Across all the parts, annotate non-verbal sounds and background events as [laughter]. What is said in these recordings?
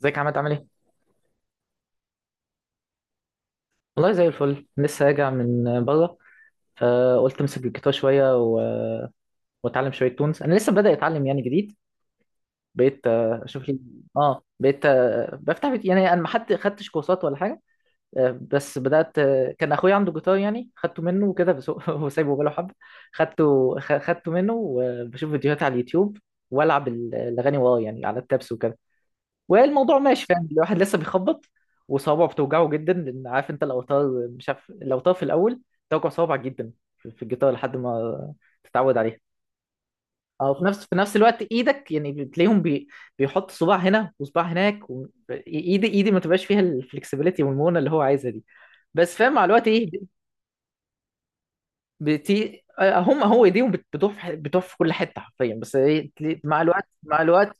ازيك يا عماد، عامل ايه؟ والله زي الفل، لسه راجع من بره. فقلت امسك الجيتار شويه واتعلم شويه تونز، انا لسه بادئ اتعلم يعني، جديد. بقيت اشوف لي. اه بقيت بفتح يعني انا ما حد خدتش كورسات ولا حاجه. بس بدات، كان اخويا عنده جيتار، يعني خدته منه وكده. بس هو [laughs] هو سايبه بقاله حبه. خدته منه، وبشوف فيديوهات على اليوتيوب، والعب الاغاني وراه يعني، على التابس وكده. والموضوع ماشي، فاهم، الواحد لسه بيخبط. وصوابعه بتوجعه جدا، لان عارف انت الاوتار، مش عارف الاوتار في الاول، توجع صوابعك جدا في الجيتار، لحد ما تتعود عليها. اه، في نفس الوقت ايدك يعني بتلاقيهم، بيحط صباع هنا وصباع هناك، ايدي ما تبقاش فيها الفلكسبيليتي والمونه اللي هو عايزها دي. بس فاهم، مع الوقت ايه. هو ايديهم بتروح في بتروح في كل حته حرفيا، بس ايه مع الوقت مع الوقت.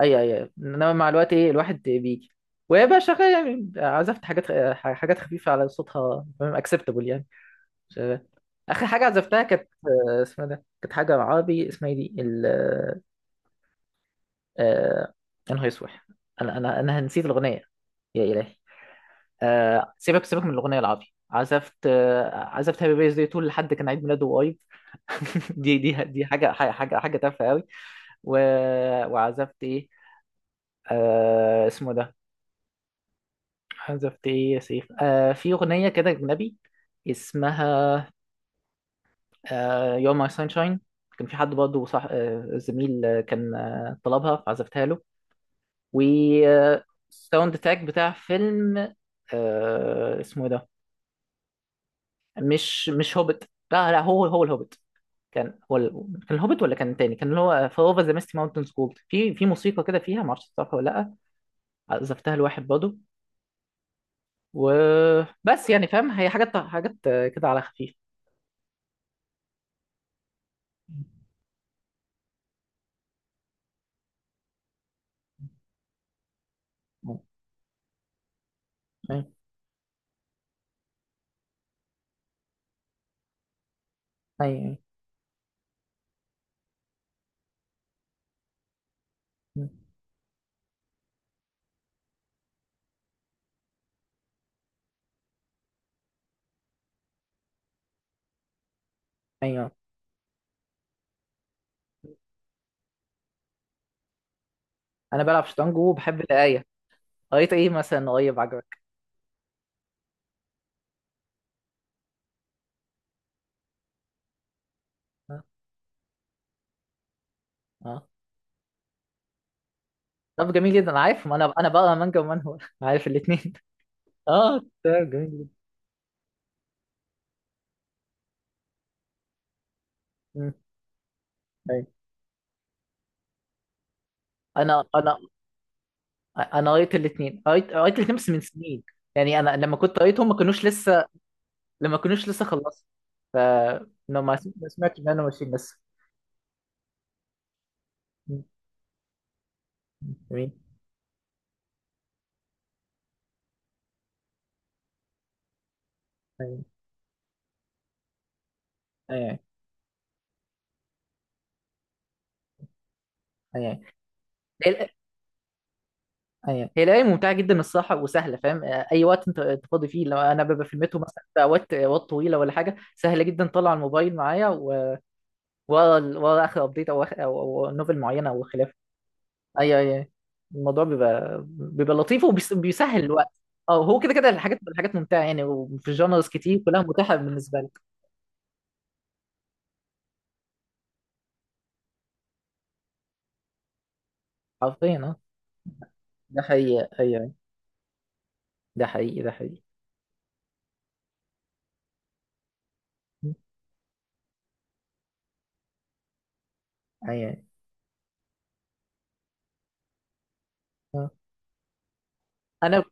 ايوه ايوه أيوة. انما مع الوقت، ايه، الواحد بيجي. وهي بقى شغاله، يعني عزفت حاجات حاجات خفيفه، على صوتها اكسبتابل يعني. مش- اخر حاجه عزفتها كانت، اسمها إيه ده، كانت حاجه عربي، اسمها إيه دي ال، آه، يا نهار اسود. انا نسيت الاغنيه، يا الهي. سيبك سيبك من الاغنيه العربي. عزفت، عزفت هابي بيرث داي تول، لحد كان عيد ميلاده قريب. [laughs] دي حاجه تافهه قوي. و... وعزفت ايه، اسمه إيه ده. حذفت ايه يا سيف، في اغنيه كده اجنبي، اسمها You're My Sunshine. كان في حد برضه، صح، زميل، كان طلبها فعزفتها له. و آه، ساوند تراك بتاع فيلم، اسمه إيه ده. مش هوبت، لا لا، هو الهوبت. كان هو كان الهوبت، ولا كان تاني، كان اللي هو فاوفر ذا ميستي ماونتن سكول، في موسيقى كده فيها، معرفش تعرفها ولا لا. عزفتها لواحد برضه. وبس، يعني فاهم، هي حاجات كده على خفيف. ايوه، ايوه، ايوه. انا بلعب شطرنج وبحب القرايه. قريت ايه مثلا قريب، عجبك؟ اه. آه. طب جميل جدا، أنا عارف، ما انا بقرا مانجا ومن هو [laughs] عارف الاثنين. اه، تمام، جميل جدا. مم. ايوه. انا انا انا قريت الاثنين، قريت الاثنين، بس من سنين. يعني انا لما كنت قريتهم ما كانوش لسه، لما كانوش لسه خلصت. ف ما سمعتش ان انا ماشيين لسه. مم. جميل. ايوه، ايوه، ايوه، ايوه. هي لعبه ممتعه جدا الصراحه، وسهله، فاهم، اي وقت أنت فاضي فيه، لو انا ببقى في المترو مثلا، في اوقات طويله ولا حاجه، سهله جدا، طلع الموبايل معايا ورا اخر ابديت، او أو نوفل معينه، او خلافه. ايوه، ايوه. الموضوع بيبقى لطيف، وبيسهل الوقت. اه، هو كده كده الحاجات الحاجات ممتعه يعني، وفي جانرز كتير كلها متاحه بالنسبه لك. حرفيا، اه. ده حقيقي، ايوه، ده حقيقي، ده حقيقي. ايوه. آه. انا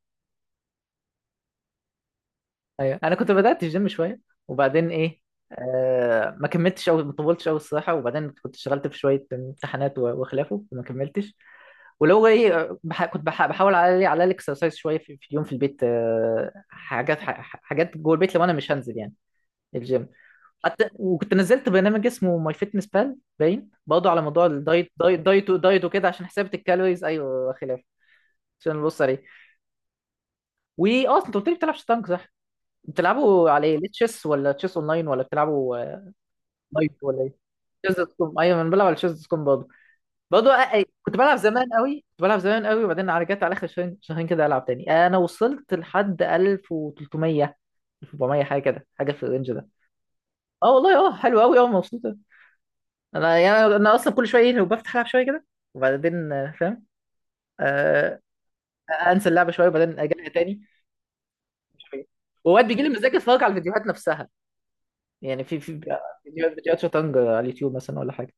ايوه، انا كنت بدات الجيم شويه، وبعدين ايه، ما كملتش، او ما طولتش قوي الصراحه، وبعدين كنت اشتغلت في شويه امتحانات وخلافه، وما كملتش. ولو ايه، كنت بحاول على الاكسرسايز شويه، في اليوم في البيت، حاجات جوه البيت، لو انا مش هنزل يعني الجيم. حتى وكنت نزلت برنامج اسمه ماي فيتنس بال باين برضه، على موضوع الدايت دايت دايت دايت وكده، عشان حسابة الكالوريز، ايوه، خلاف، عشان نبص عليه. واه، انت قلت لي بتلعب شطرنج، صح؟ بتلعبوا على ايه؟ ليه تشيس، ولا تشيس اونلاين، ولا بتلعبوا نايت، ولا ايه؟ شيز دوت كوم. ايوه انا بلعب على شيز دوت كوم برضه. برضه كنت بلعب زمان قوي، كنت بلعب زمان قوي، وبعدين رجعت على اخر شهرين شهرين كده العب تاني. انا وصلت لحد 1300، 1400، حاجه كده، حاجه في الرينج ده. اه والله. اه حلو قوي. اه، مبسوطه. انا يعني، انا اصلا كل شويه ايه لو بفتح العب شويه كده، وبعدين فاهم، آه انسى اللعبه شويه، وبعدين اجي تاني. مش عارف إيه. واوقات بيجي لي مزاج اتفرج على الفيديوهات نفسها، يعني في فيديوهات شطرنج على اليوتيوب مثلا، ولا حاجه.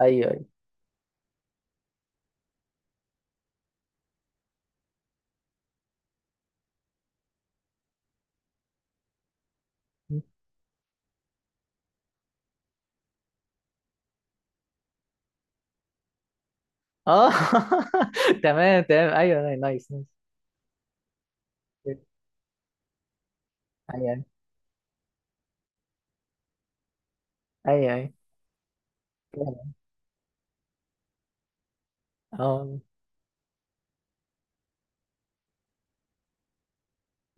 ايوه، ايوه، اه. [laughs] تمام، تمام، ايوه، أيوة، نايس، نايس. ايوه ايوه ايوه أيوه. اه،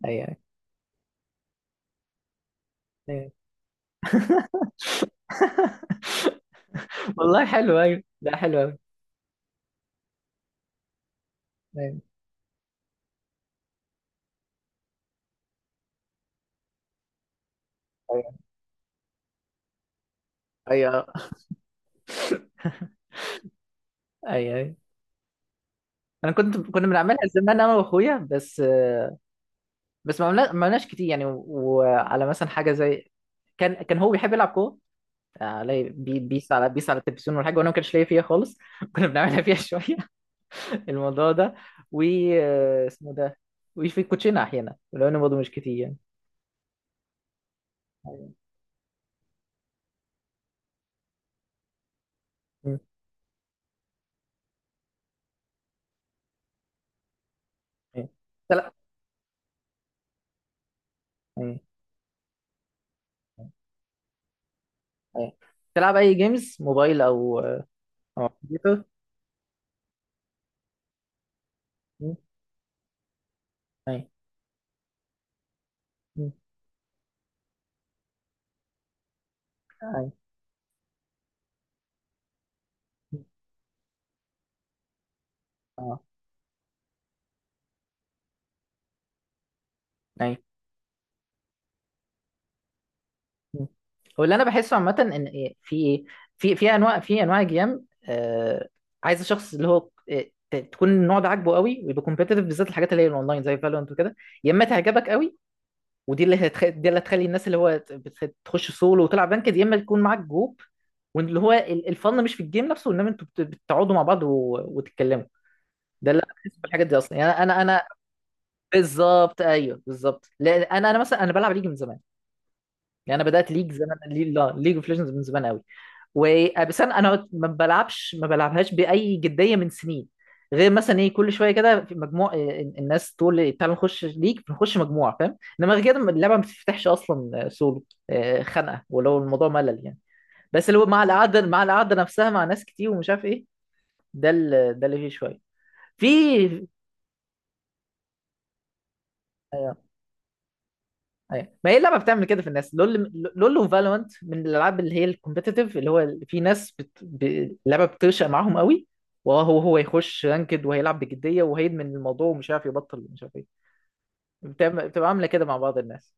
ايوه، ايوه. [laughs] والله حلو، ايوه، ده حلو قوي. ايوه ايوه ايوه أيوة. انا كنت، كنا بنعملها زمان انا واخويا بس، بس ما عملناش كتير يعني، وعلى مثلا حاجه زي كان هو بيحب يلعب كوره، علي بيس على التلفزيون ولا حاجه، وانا ما كانش ليا فيها خالص، [laughs] كنا بنعملها فيها شويه، الموضوع ده، و اسمه ده. وفي الكوتشينه احيانا، ولو انه برضه مش كتير يعني. م. م. تلعب. م. م. تلعب اي جيمز موبايل، او او كمبيوتر؟ م. اي. م. اي. م. اه اي. م. هو اللي انا بحسه عامه ان، إيه، في ايه، في انواع جيم، عايز الشخص اللي هو، تكون النوع ده عاجبه قوي، ويبقى كومبيتيتيف بالذات الحاجات اللي هي الاونلاين زي فالورانت وكده، يا اما تعجبك قوي. دي اللي هتخلي الناس اللي هو تخش سولو وتلعب بانكد، يا اما تكون معاك جروب. واللي هو الفن مش في الجيم نفسه، انما انتوا بتقعدوا مع بعض وتتكلموا. ده اللي انا بحس بالحاجات دي اصلا، يعني انا بالظبط، ايوه بالظبط، لان انا مثلا انا بلعب ليج من زمان. يعني انا بدات ليج زمان، ليج اوف ليجندز من زمان قوي. وابيسان انا ما بلعبش، ما بلعبهاش باي جديه من سنين، غير مثلا ايه كل شويه كده في مجموع، إيه، الناس تقول تعالى نخش ليك بنخش مجموعه، فاهم، انما غير كده اللعبه ما بتفتحش اصلا، سولو، خنقه، ولو الموضوع ملل يعني. بس اللي هو مع القعده، مع القعده نفسها مع ناس كتير، ومش عارف ايه، ده اللي فيه شويه في. آه، ايوه، ما هي اللعبه بتعمل كده في الناس، لول، لول وفالورانت من الالعاب اللي هي الكومبيتيتيف، اللي هو في ناس اللعبه بتنشأ معاهم قوي، وهو يخش رانكد، وهيلعب بجديه، وهيدمن الموضوع، ومش عارف يبطل، ومش عارف ايه، بتبقى عامله كده مع بعض الناس.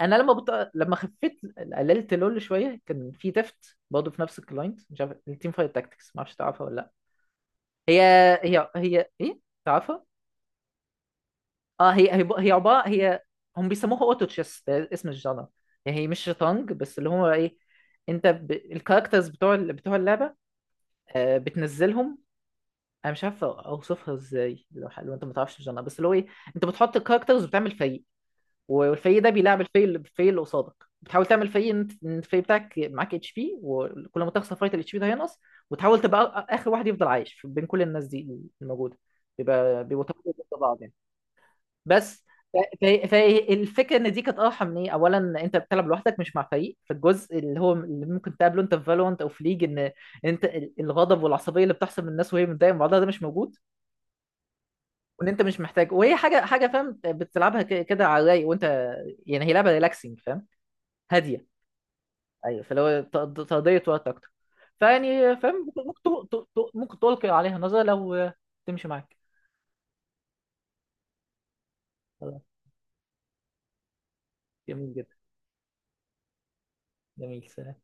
انا لما خفيت، قللت لول شويه، كان في تفت برضه في نفس الكلاينت، مش عارف، التيم فايت تاكتكس، ما اعرفش تعرفها ولا لا. هي، هي ايه، تعرفها؟ اه، هي عباره، هي هم بيسموها اوتو تشيس، ده اسم الجانر. يعني هي مش شطرنج، بس اللي هو ايه، انت الكاركترز بتوع بتوع اللعبه، بتنزلهم. انا مش عارف اوصفها ازاي، لو انت ما تعرفش الجانر، بس اللي هو ايه، انت بتحط الكاركترز وبتعمل فريق، والفريق ده بيلعب الفريق اللي قصادك. بتحاول تعمل فريق إن انت، إن الفريق بتاعك معاك اتش بي، وكل ما تخسر فايت الاتش بي ده هينقص، وتحاول تبقى اخر واحد يفضل عايش بين كل الناس دي الموجوده. بيبقى بيبقوا تمانية ضد بعض يعني. بس فالفكره ان دي كانت اه حميه اولا، انت بتلعب لوحدك مش مع فريق، فالجزء اللي هو اللي ممكن تقابله انت في فالورانت او في ليج، ان انت الغضب والعصبيه اللي بتحصل من الناس وهي متضايقه من بعضها ده مش موجود. وان انت مش محتاج، وهي حاجه فاهم بتلعبها كده على الرايق، وانت يعني هي لعبه ريلاكسنج فاهم، هاديه. ايوه، فاللي هو تقضيه وقت اكتر، فيعني فاهم، ممكن ممكن تلقي عليها نظره لو تمشي معاك. خلاص، جميل جدا، جميل.